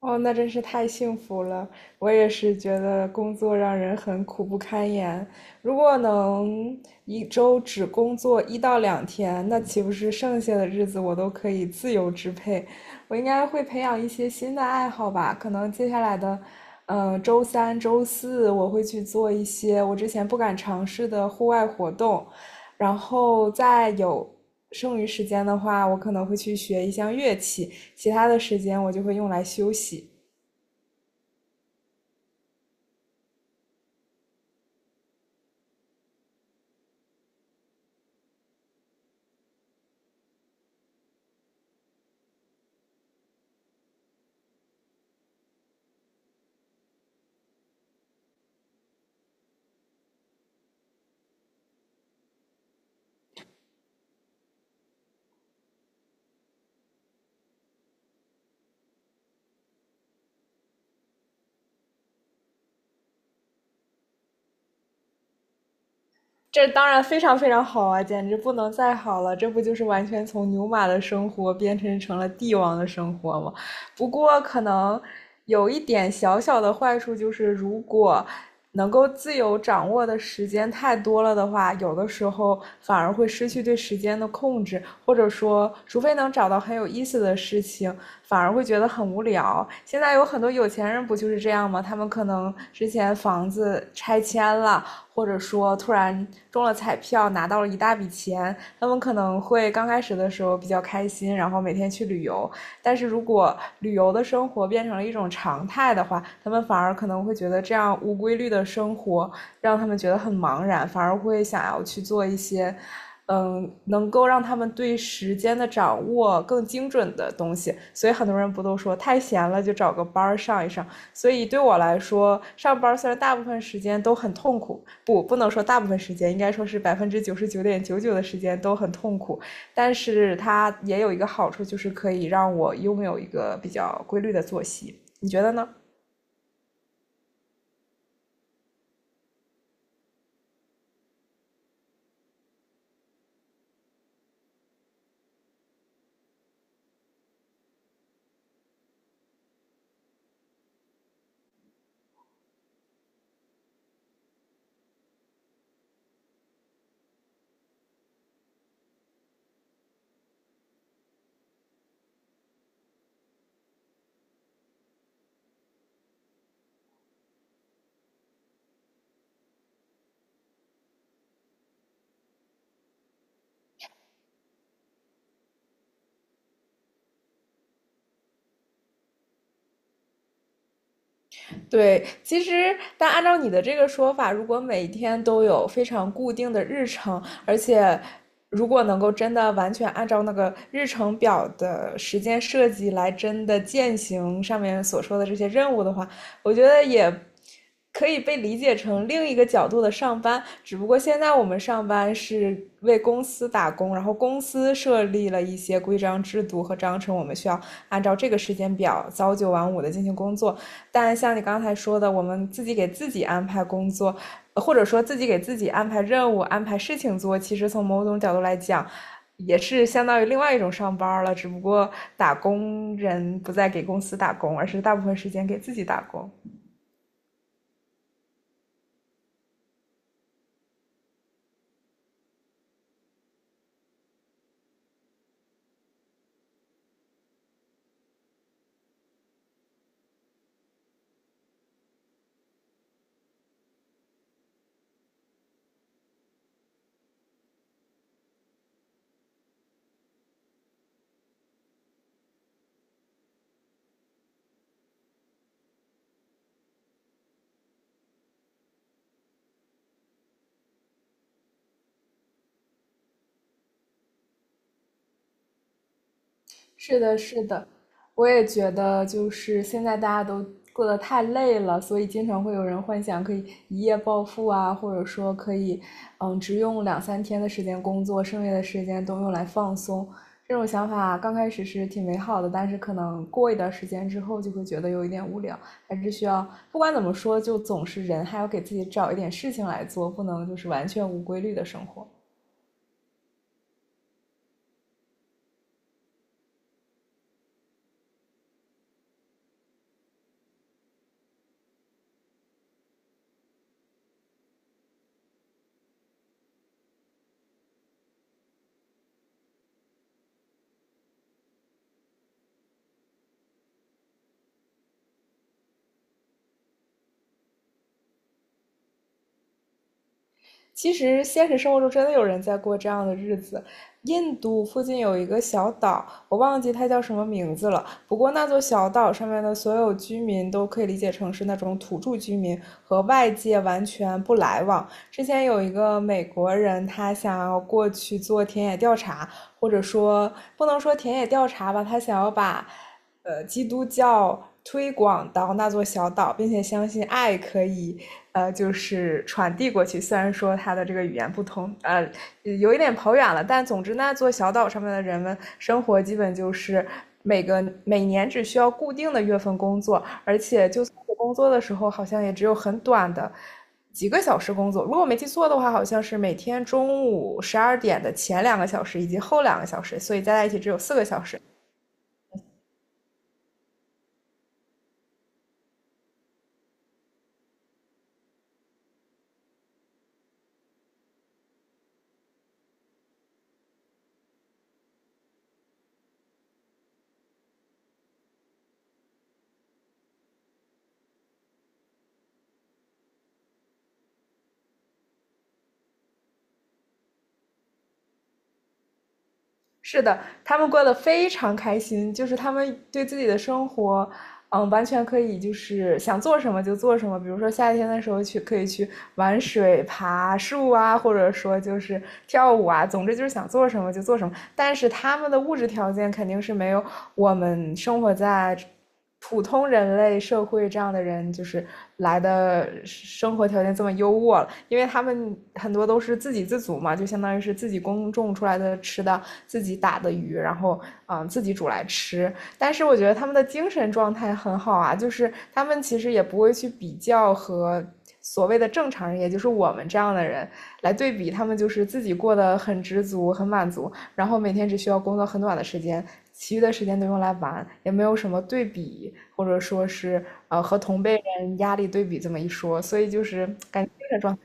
哦，那真是太幸福了！我也是觉得工作让人很苦不堪言。如果能一周只工作1到2天，那岂不是剩下的日子我都可以自由支配？我应该会培养一些新的爱好吧？可能接下来的，周三、周四我会去做一些我之前不敢尝试的户外活动，然后再有剩余时间的话，我可能会去学一项乐器。其他的时间我就会用来休息。这当然非常非常好啊，简直不能再好了！这不就是完全从牛马的生活变成了帝王的生活吗？不过可能有一点小小的坏处就是，如果能够自由掌握的时间太多了的话，有的时候反而会失去对时间的控制，或者说，除非能找到很有意思的事情，反而会觉得很无聊。现在有很多有钱人不就是这样吗？他们可能之前房子拆迁了，或者说突然中了彩票拿到了一大笔钱，他们可能会刚开始的时候比较开心，然后每天去旅游。但是如果旅游的生活变成了一种常态的话，他们反而可能会觉得这样无规律的生活让他们觉得很茫然，反而会想要去做一些。能够让他们对时间的掌握更精准的东西，所以很多人不都说太闲了就找个班儿上一上。所以对我来说，上班虽然大部分时间都很痛苦，不能说大部分时间，应该说是99.99%的时间都很痛苦。但是它也有一个好处，就是可以让我拥有一个比较规律的作息。你觉得呢？对，其实但按照你的这个说法，如果每天都有非常固定的日程，而且如果能够真的完全按照那个日程表的时间设计来真的践行上面所说的这些任务的话，我觉得也可以被理解成另一个角度的上班，只不过现在我们上班是为公司打工，然后公司设立了一些规章制度和章程，我们需要按照这个时间表早九晚五的进行工作。但像你刚才说的，我们自己给自己安排工作，或者说自己给自己安排任务、安排事情做，其实从某种角度来讲，也是相当于另外一种上班了，只不过打工人不再给公司打工，而是大部分时间给自己打工。是的，是的，我也觉得，就是现在大家都过得太累了，所以经常会有人幻想可以一夜暴富啊，或者说可以，嗯，只用2、3天的时间工作，剩下的时间都用来放松。这种想法刚开始是挺美好的，但是可能过一段时间之后就会觉得有一点无聊，还是需要，不管怎么说，就总是人还要给自己找一点事情来做，不能就是完全无规律的生活。其实现实生活中真的有人在过这样的日子。印度附近有一个小岛，我忘记它叫什么名字了。不过那座小岛上面的所有居民都可以理解成是那种土著居民，和外界完全不来往。之前有一个美国人，他想要过去做田野调查，或者说不能说田野调查吧，他想要把基督教推广到那座小岛，并且相信爱可以就是传递过去。虽然说它的这个语言不通，有一点跑远了，但总之那座小岛上面的人们生活基本就是每年只需要固定的月份工作，而且就算是工作的时候，好像也只有很短的。几个小时工作，如果我没记错的话，好像是每天中午12点的前2个小时以及后2个小时，所以加在一起只有4个小时。是的，他们过得非常开心，就是他们对自己的生活完全可以，就是想做什么就做什么。比如说夏天的时候去，可以去玩水、爬树啊，或者说就是跳舞啊。总之就是想做什么就做什么。但是他们的物质条件肯定是没有我们生活在普通人类社会这样的人，就是来的生活条件这么优渥了。因为他们很多都是自给自足嘛，就相当于是自己耕种出来的吃的，自己打的鱼，然后自己煮来吃。但是我觉得他们的精神状态很好啊，就是他们其实也不会去比较和所谓的正常人，也就是我们这样的人来对比，他们就是自己过得很知足、很满足，然后每天只需要工作很短的时间，其余的时间都用来玩，也没有什么对比，或者说是和同辈人压力对比这么一说，所以就是感觉精神状态。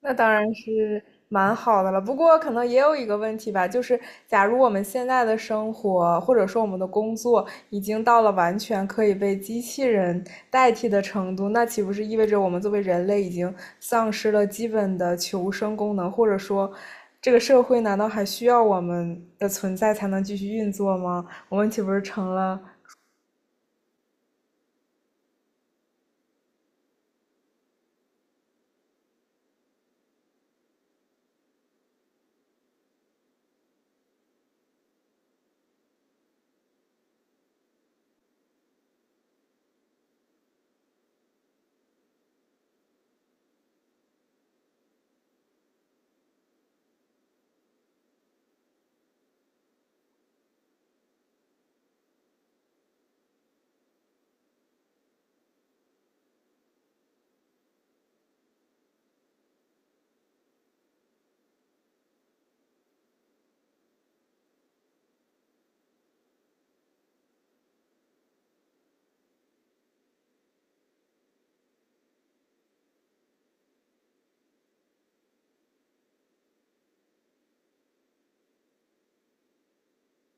那当然是蛮好的了，不过可能也有一个问题吧，就是假如我们现在的生活或者说我们的工作已经到了完全可以被机器人代替的程度，那岂不是意味着我们作为人类已经丧失了基本的求生功能，或者说这个社会难道还需要我们的存在才能继续运作吗？我们岂不是成了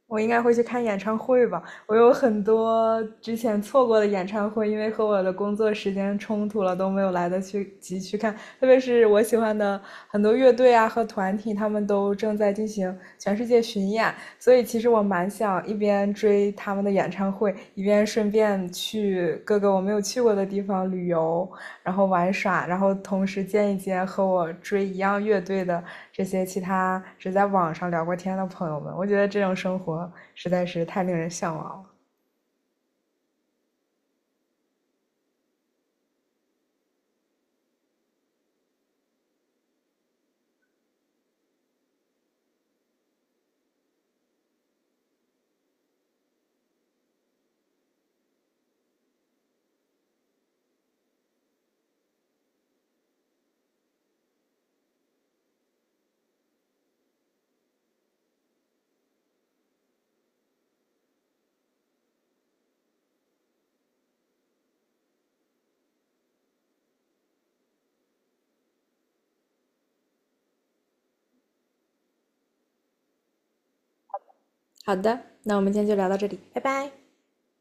我应该会去看演唱会吧。我有很多之前错过的演唱会，因为和我的工作时间冲突了，都没有来得去及去看。特别是我喜欢的很多乐队啊和团体，他们都正在进行全世界巡演，所以其实我蛮想一边追他们的演唱会，一边顺便去各个我没有去过的地方旅游，然后玩耍，然后同时见一见和我追一样乐队的这些其他只在网上聊过天的朋友们。我觉得这种生活实在是太令人向往了。好的，那我们今天就聊到这里，拜拜。